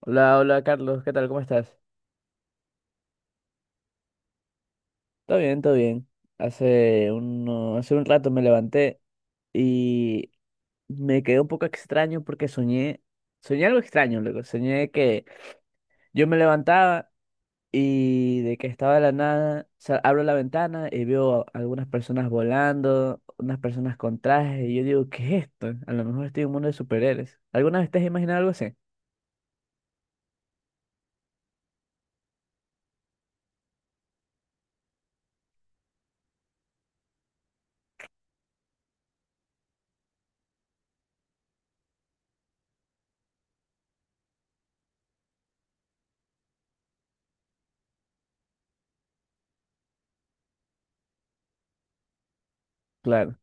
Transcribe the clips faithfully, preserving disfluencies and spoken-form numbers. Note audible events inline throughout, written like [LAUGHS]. Hola, hola Carlos, ¿qué tal? ¿Cómo estás? Todo bien, todo bien. Hace uno, hace un rato me levanté y me quedé un poco extraño porque soñé, soñé algo extraño, luego soñé que yo me levantaba y de que estaba de la nada, sa- abro la ventana y veo a algunas personas volando, unas personas con trajes y yo digo, ¿qué es esto? A lo mejor estoy en un mundo de superhéroes. ¿Alguna vez te has imaginado algo así? Claro.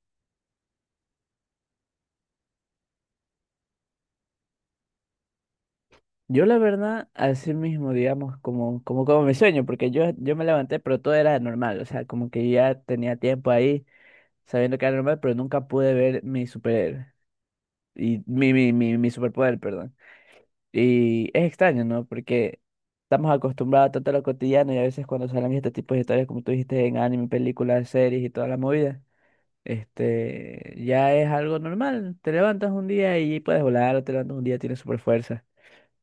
Yo la verdad, así mismo, digamos, como, como, como mi sueño, porque yo, yo me levanté, pero todo era normal, o sea, como que ya tenía tiempo ahí sabiendo que era normal, pero nunca pude ver mi superhéroe, y mi, mi, mi, mi superpoder, perdón. Y es extraño, ¿no? Porque estamos acostumbrados tanto a lo cotidiano y a veces cuando salen este tipo de historias, como tú dijiste, en anime, películas, series y toda la movida, este, ya es algo normal, te levantas un día y puedes volar, o te levantas un día, y tienes super fuerza.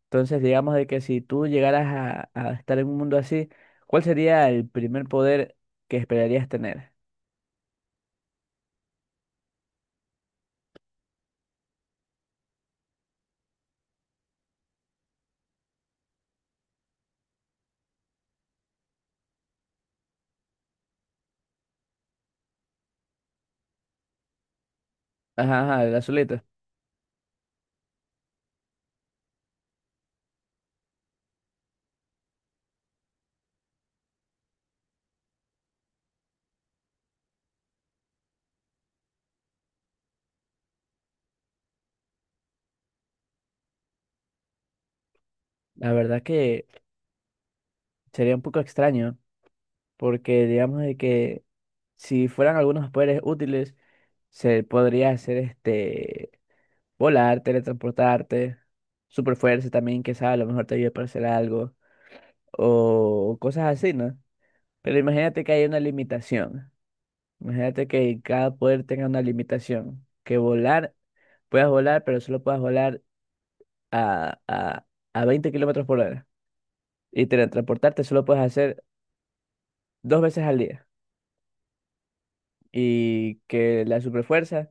Entonces, digamos de que si tú llegaras a, a estar en un mundo así, ¿cuál sería el primer poder que esperarías tener? Ajá, ajá, el azulito. La verdad que sería un poco extraño, porque digamos de que si fueran algunos poderes útiles, se podría hacer este volar, teletransportarte, superfuerza también, que sabe, a lo mejor te ayuda para hacer algo, o cosas así, ¿no? Pero imagínate que hay una limitación. Imagínate que cada poder tenga una limitación. Que volar, puedas volar, pero solo puedas volar a, a, a veinte kilómetros por hora. Y teletransportarte solo puedes hacer dos veces al día. Y que la superfuerza,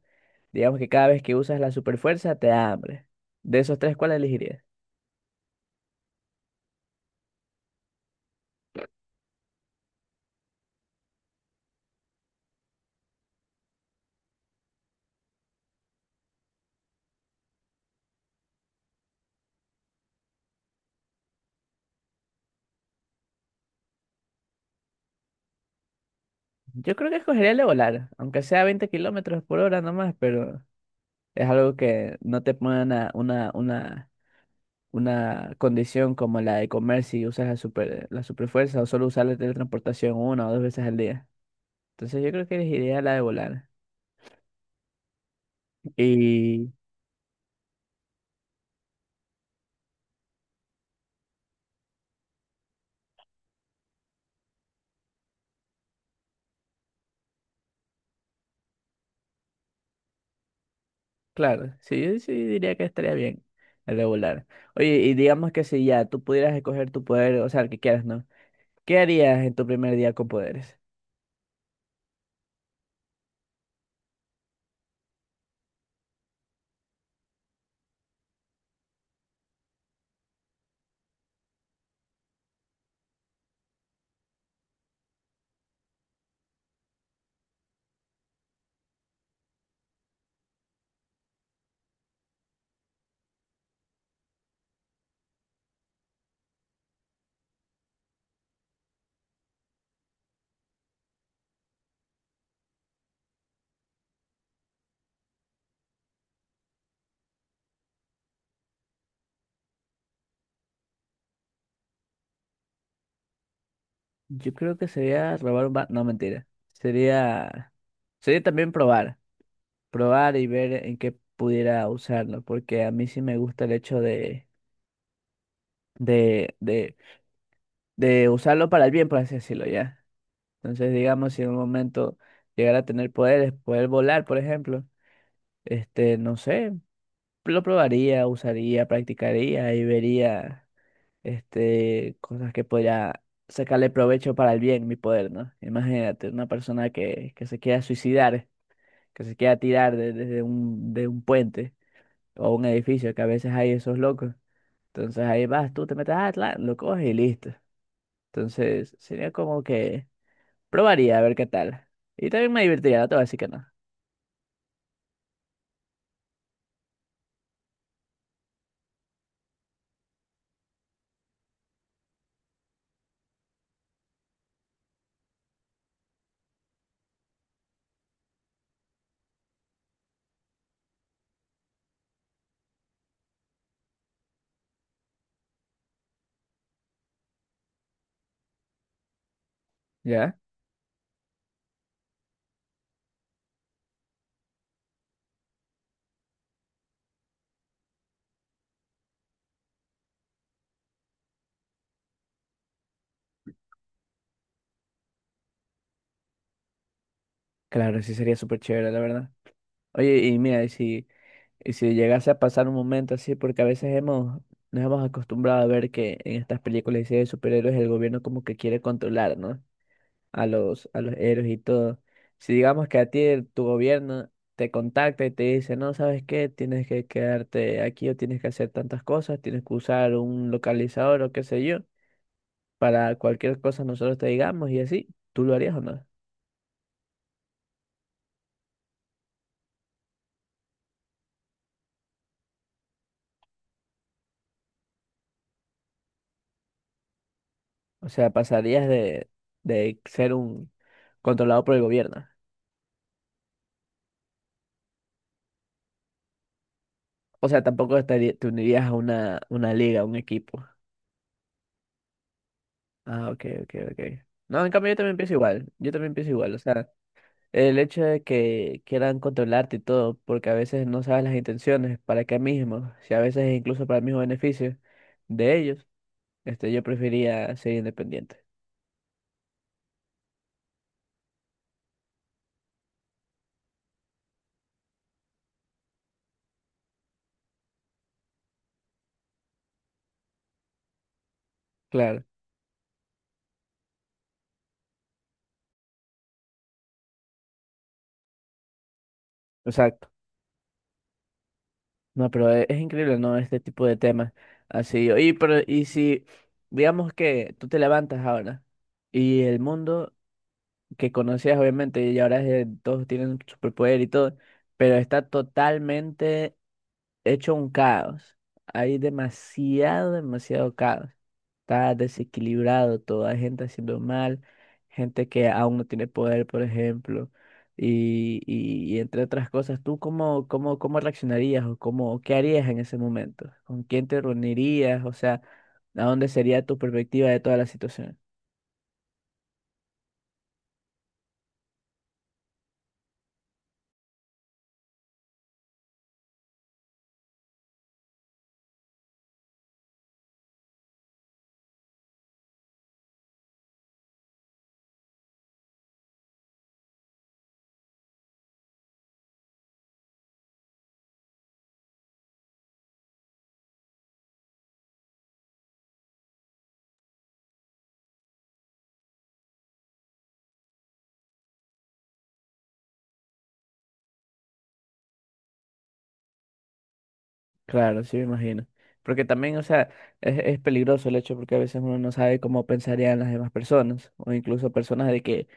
digamos que cada vez que usas la superfuerza te da hambre. De esos tres, ¿cuál elegirías? Yo creo que escogería el de volar, aunque sea veinte kilómetros por hora nomás, pero es algo que no te pone una, una, una una condición como la de comer si usas la super, la superfuerza o solo usar la teletransportación una o dos veces al día. Entonces yo creo que elegiría la de volar. Y claro, sí, yo sí diría que estaría bien la de volar. Oye, y digamos que si ya tú pudieras escoger tu poder, o sea, el que quieras, ¿no? ¿Qué harías en tu primer día con poderes? Yo creo que sería robar un banco. No, mentira. Sería, sería también probar. Probar y ver en qué pudiera usarlo. Porque a mí sí me gusta el hecho de de, de de usarlo para el bien, por así decirlo, ¿ya? Entonces, digamos, si en un momento llegara a tener poderes, poder volar, por ejemplo, este, no sé, lo probaría, usaría, practicaría y vería, este, cosas que podría sacarle provecho para el bien, mi poder, ¿no? Imagínate, una persona que, que se quiera suicidar, que se quiera tirar de- desde un, de un puente o un edificio, que a veces hay esos locos. Entonces ahí vas, tú te metes, ah, tla, lo coges y listo. Entonces sería como que Probaría a ver qué tal. Y también me divertiría, no te voy a decir que no. ¿Ya? Claro, sí sería súper chévere, la verdad. Oye, y mira, y si, y si llegase a pasar un momento así, porque a veces hemos, nos hemos acostumbrado a ver que en estas películas y series de superhéroes el gobierno como que quiere controlar, ¿no? A los, a los héroes y todo. Si digamos que a ti el- tu gobierno te contacta y te dice, no, ¿sabes qué? Tienes que quedarte aquí o tienes que hacer tantas cosas, tienes que usar un localizador o qué sé yo, para cualquier cosa nosotros te digamos y así, ¿tú lo harías o no? O sea, pasarías de, de ser un controlado por el gobierno. O sea, tampoco estaría te unirías a una, una liga, a un equipo. Ah, ok, ok, ok. No, en cambio yo también pienso igual, yo también pienso igual. O sea, el hecho de que quieran controlarte y todo, porque a veces no sabes las intenciones, para qué mismo, si a veces incluso para el mismo beneficio de ellos, este, yo preferiría ser independiente. Claro, exacto. No, pero e- es, increíble, ¿no? Este tipo de temas. Así, oye, pero y si, digamos que tú te levantas ahora y el mundo que conocías, obviamente, y ahora es de- todos tienen superpoder y todo, pero está totalmente hecho un caos. Hay demasiado, demasiado caos. Está desequilibrado todo. Hay gente haciendo mal, gente que aún no tiene poder, por ejemplo. Y, y, y entre otras cosas, ¿tú cómo, cómo, cómo reaccionarías o cómo, qué harías en ese momento? ¿Con quién te reunirías? O sea, ¿a dónde sería tu perspectiva de toda la situación? Claro, sí me imagino. Porque también, o sea, es, es peligroso el hecho porque a veces uno no sabe cómo pensarían las demás personas o incluso personas de que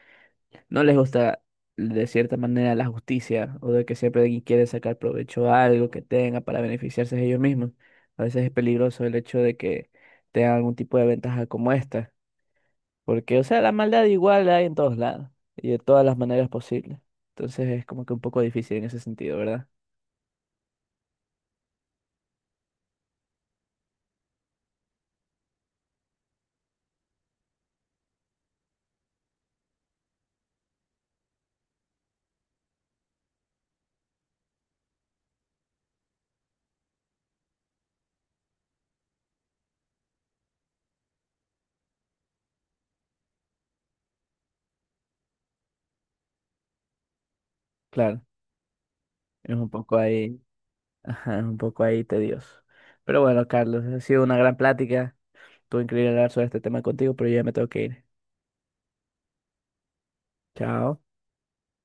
no les gusta de cierta manera la justicia o de que siempre alguien quiere sacar provecho a algo que tenga para beneficiarse de ellos mismos. A veces es peligroso el hecho de que tengan algún tipo de ventaja como esta, porque, o sea, la maldad igual la hay en todos lados y de todas las maneras posibles. Entonces es como que un poco difícil en ese sentido, ¿verdad? Claro, es un poco ahí, [LAUGHS] ajá, es un poco ahí tedioso. Pero bueno, Carlos, ha sido una gran plática. Estuvo increíble hablar sobre este tema contigo, pero yo ya me tengo que ir. Chao.